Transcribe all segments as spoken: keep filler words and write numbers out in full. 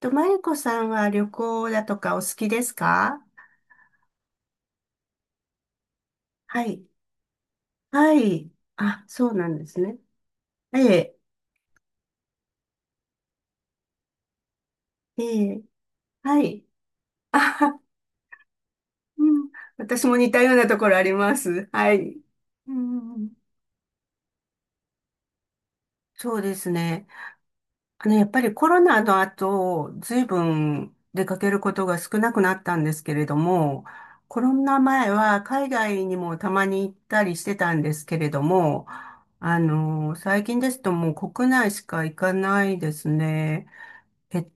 と、まゆこさんは旅行だとかお好きですか？はい。はい。あ、そうなんですね。ええ、ええ、はい。あ、うん。私も似たようなところあります。はい。うん。そうですね。あの、やっぱりコロナの後、ずいぶん出かけることが少なくなったんですけれども、コロナ前は海外にもたまに行ったりしてたんですけれども、あの、最近ですともう国内しか行かないですね。えっ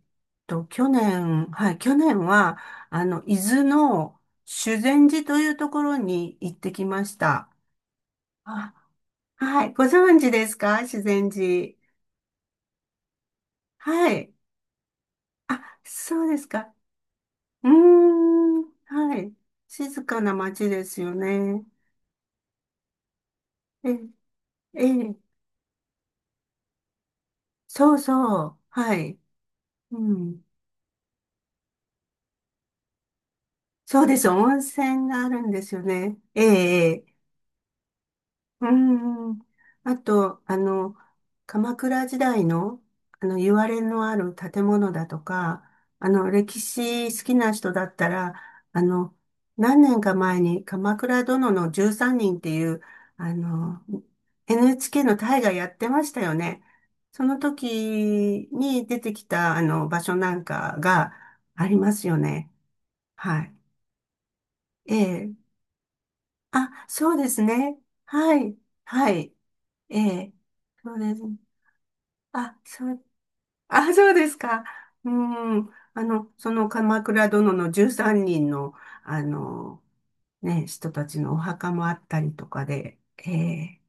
と、去年、はい、去年は、あの、伊豆の修善寺というところに行ってきました。あ、はい、ご存知ですか修善寺？はい。あ、そうですか。うーん、はい。静かな街ですよね。え、ええ、そうそう。はい。うん。そうです。温泉があるんですよね。ええ、ええ、うーん。あと、あの、鎌倉時代の、あの、言われのある建物だとか、あの、歴史好きな人だったら、あの、何年か前に鎌倉殿のじゅうさんにんっていう、あの、エヌエイチケー の大河やってましたよね。その時に出てきた、あの、場所なんかがありますよね。はい。ええ。あ、そうですね。はい。はい。ええ、そうです。あ、そう、あ、そうですか。うん。あの、その鎌倉殿のじゅうさんにんの、あの、ね、人たちのお墓もあったりとかで、ええ、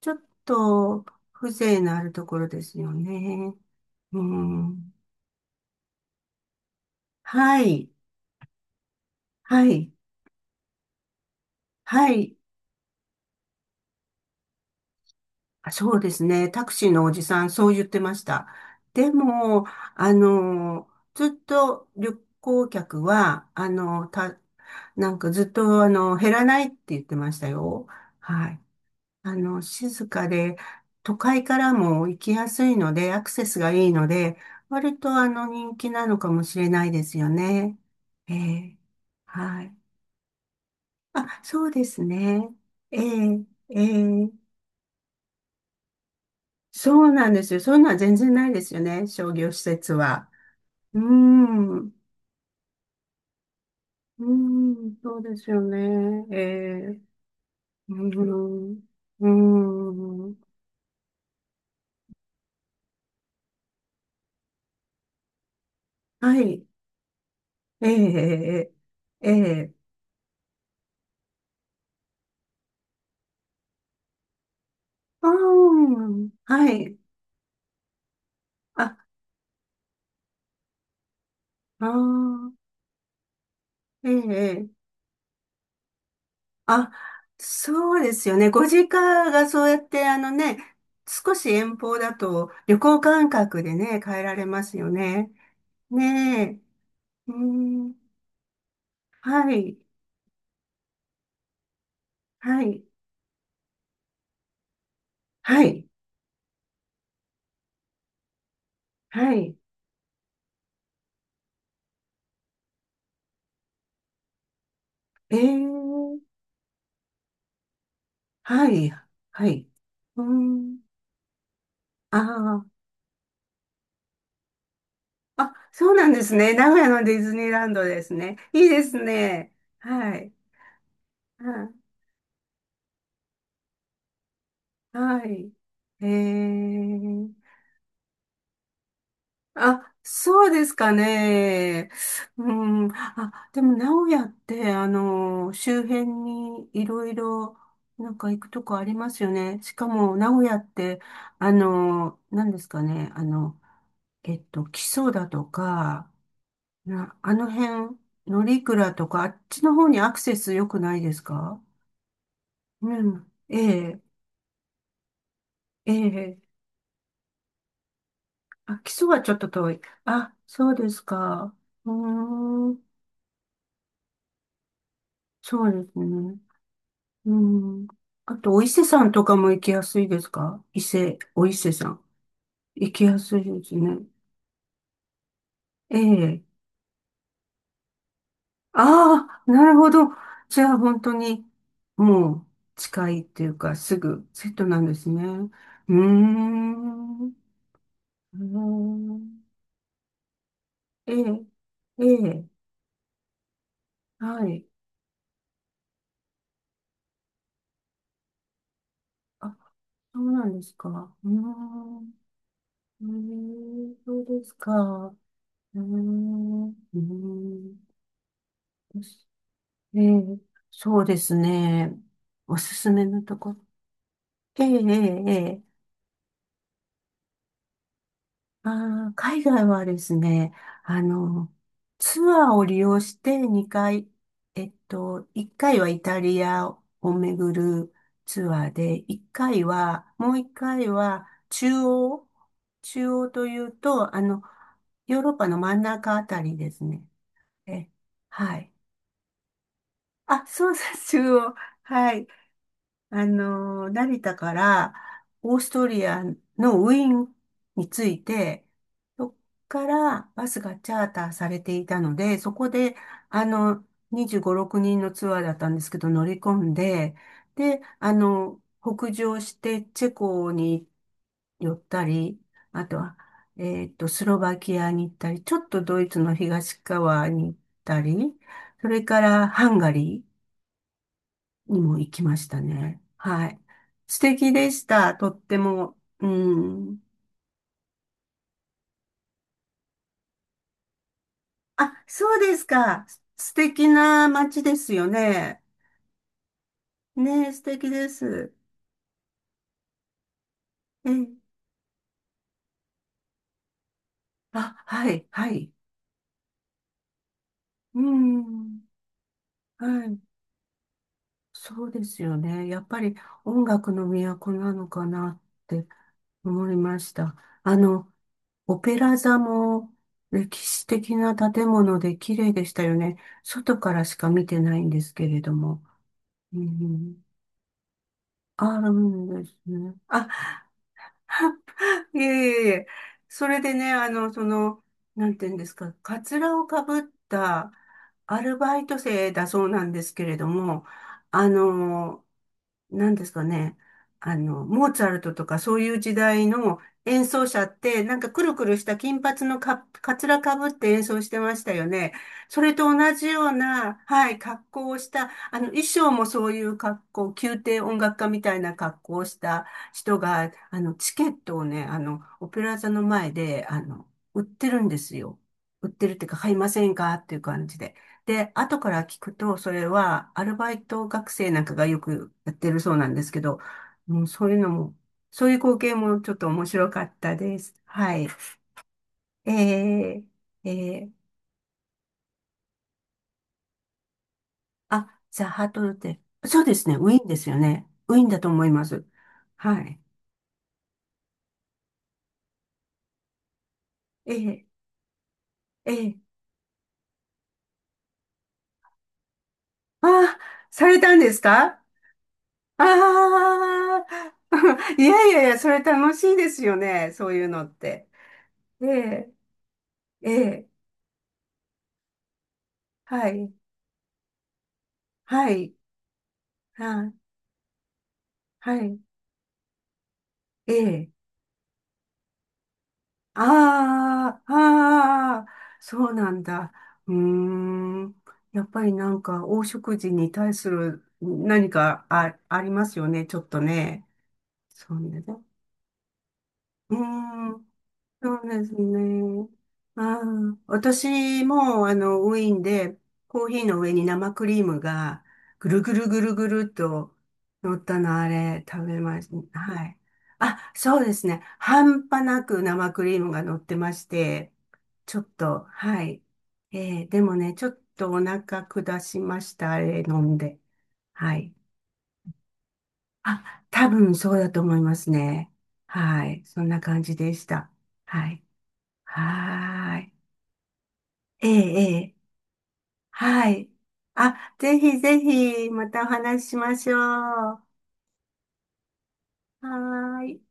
ちょっと風情のあるところですよね。うん。はい、はい、はい。あ、そうですね。タクシーのおじさん、そう言ってました。でも、あの、ずっと旅行客は、あの、た、なんかずっと、あの、減らないって言ってましたよ。はい。あの、静かで、都会からも行きやすいので、アクセスがいいので、割とあの人気なのかもしれないですよね。ええ。はい。あ、そうですね。ええ、ええ。そうなんですよ。そういうのは全然ないですよね。商業施設は。うーん。うーん、そうですよね。ええ。うーん。うーん。はい。ええ、ええ、ええ、ああ、はい。あ、ああ、ええ、あ、そうですよね。ご実家がそうやって、あのね、少し遠方だと旅行感覚でね、帰られますよね。ねえ、うん、はい、はい、はい、はい、ええ、はい、はい、うん、ああ、あ、そうなんですね。名古屋のディズニーランドですね。いいですね。はい。はい。はい。えー。あ、そうですかね。うん。あ、でも、名古屋って、あの、周辺にいろいろ、なんか行くとこありますよね。しかも、名古屋って、あの、何ですかね。あの、えっと、木曽だとか、な、あの辺、乗鞍とか、あっちの方にアクセス良くないですか？うん。ええ、ええ。あ、基礎はちょっと遠い。あ、そうですか。うーん、そうですね。うん。あと、お伊勢さんとかも行きやすいですか？伊勢、お伊勢さん。行きやすいですね。ええ。ああ、なるほど。じゃあ、本当に、もう、近いっていうか、すぐ、セットなんですね。うーん。うーん、ええ、ええ、はい。あ、そうなんですか。うーん。うーん、そうですか。うーん、うーん。えーそうですね。おすすめのとこ。ええええええ、あー、海外はですね、あの、ツアーを利用してにかい、えっと、いっかいはイタリアを巡るツアーで、1回は、もういっかいは中央、中央というと、あの、ヨーロッパの真ん中あたりですね。え、はい。あ、そうです、中央。はい。あの、成田からオーストリアのウィーンに着いて、そこからバスがチャーターされていたので、そこで、あの、にじゅうご、ろくにんのツアーだったんですけど、乗り込んで、で、あの、北上してチェコに寄ったり、あとは、えっと、スロバキアに行ったり、ちょっとドイツの東側に行ったり、それからハンガリー、にも行きましたね。はい。素敵でした。とっても。うん。あ、そうですか。す素敵な街ですよね。ねえ、素敵です。ええ、あ、はい、はい。うん。はい。そうですよね。やっぱり音楽の都なのかなって思いました。あの、オペラ座も歴史的な建物で綺麗でしたよね。外からしか見てないんですけれども。うん、あるんですね。あ、いえいえいえ。それでね、あの、その、なんていうんですか、カツラをかぶったアルバイト生だそうなんですけれども、あの、なんですかね。あの、モーツァルトとかそういう時代の演奏者って、なんかくるくるした金髪のか、かつらかぶって演奏してましたよね。それと同じような、はい、格好をした、あの、衣装もそういう格好、宮廷音楽家みたいな格好をした人が、あの、チケットをね、あの、オペラ座の前で、あの、売ってるんですよ。売ってるっていうか、買いませんかっていう感じで。で、後から聞くと、それはアルバイト学生なんかがよくやってるそうなんですけど、もうそういうのも、そういう光景もちょっと面白かったです。はい。えー、えー、あ、ザ・ハートルテ。そうですね、ウィーンですよね。ウィーンだと思います。はい。えー、えー、あー、されたんですか？ああー、いやいやいや、それ楽しいですよね、そういうのって。えー、えー、はい、はい。はいはい。ええ。ああ、ああ、そうなんだ。うーん。やっぱりなんか、黄色人に対する何かあ、ありますよね。ちょっとね。そうね。うーん。そうですね。ああ、私も、あの、ウィーンで、コーヒーの上に生クリームが、ぐるぐるぐるぐるっと乗ったの、あれ、食べました。はい。あ、そうですね。半端なく生クリームが乗ってまして、ちょっと、はい。えーでもね、ちょっとお腹下しました、あれ飲んで。はい。あ、多分そうだと思いますね。はい。そんな感じでした。はい。はーい。ええ、ええ、はい。あ、ぜひぜひ、またお話ししましょう。はーい。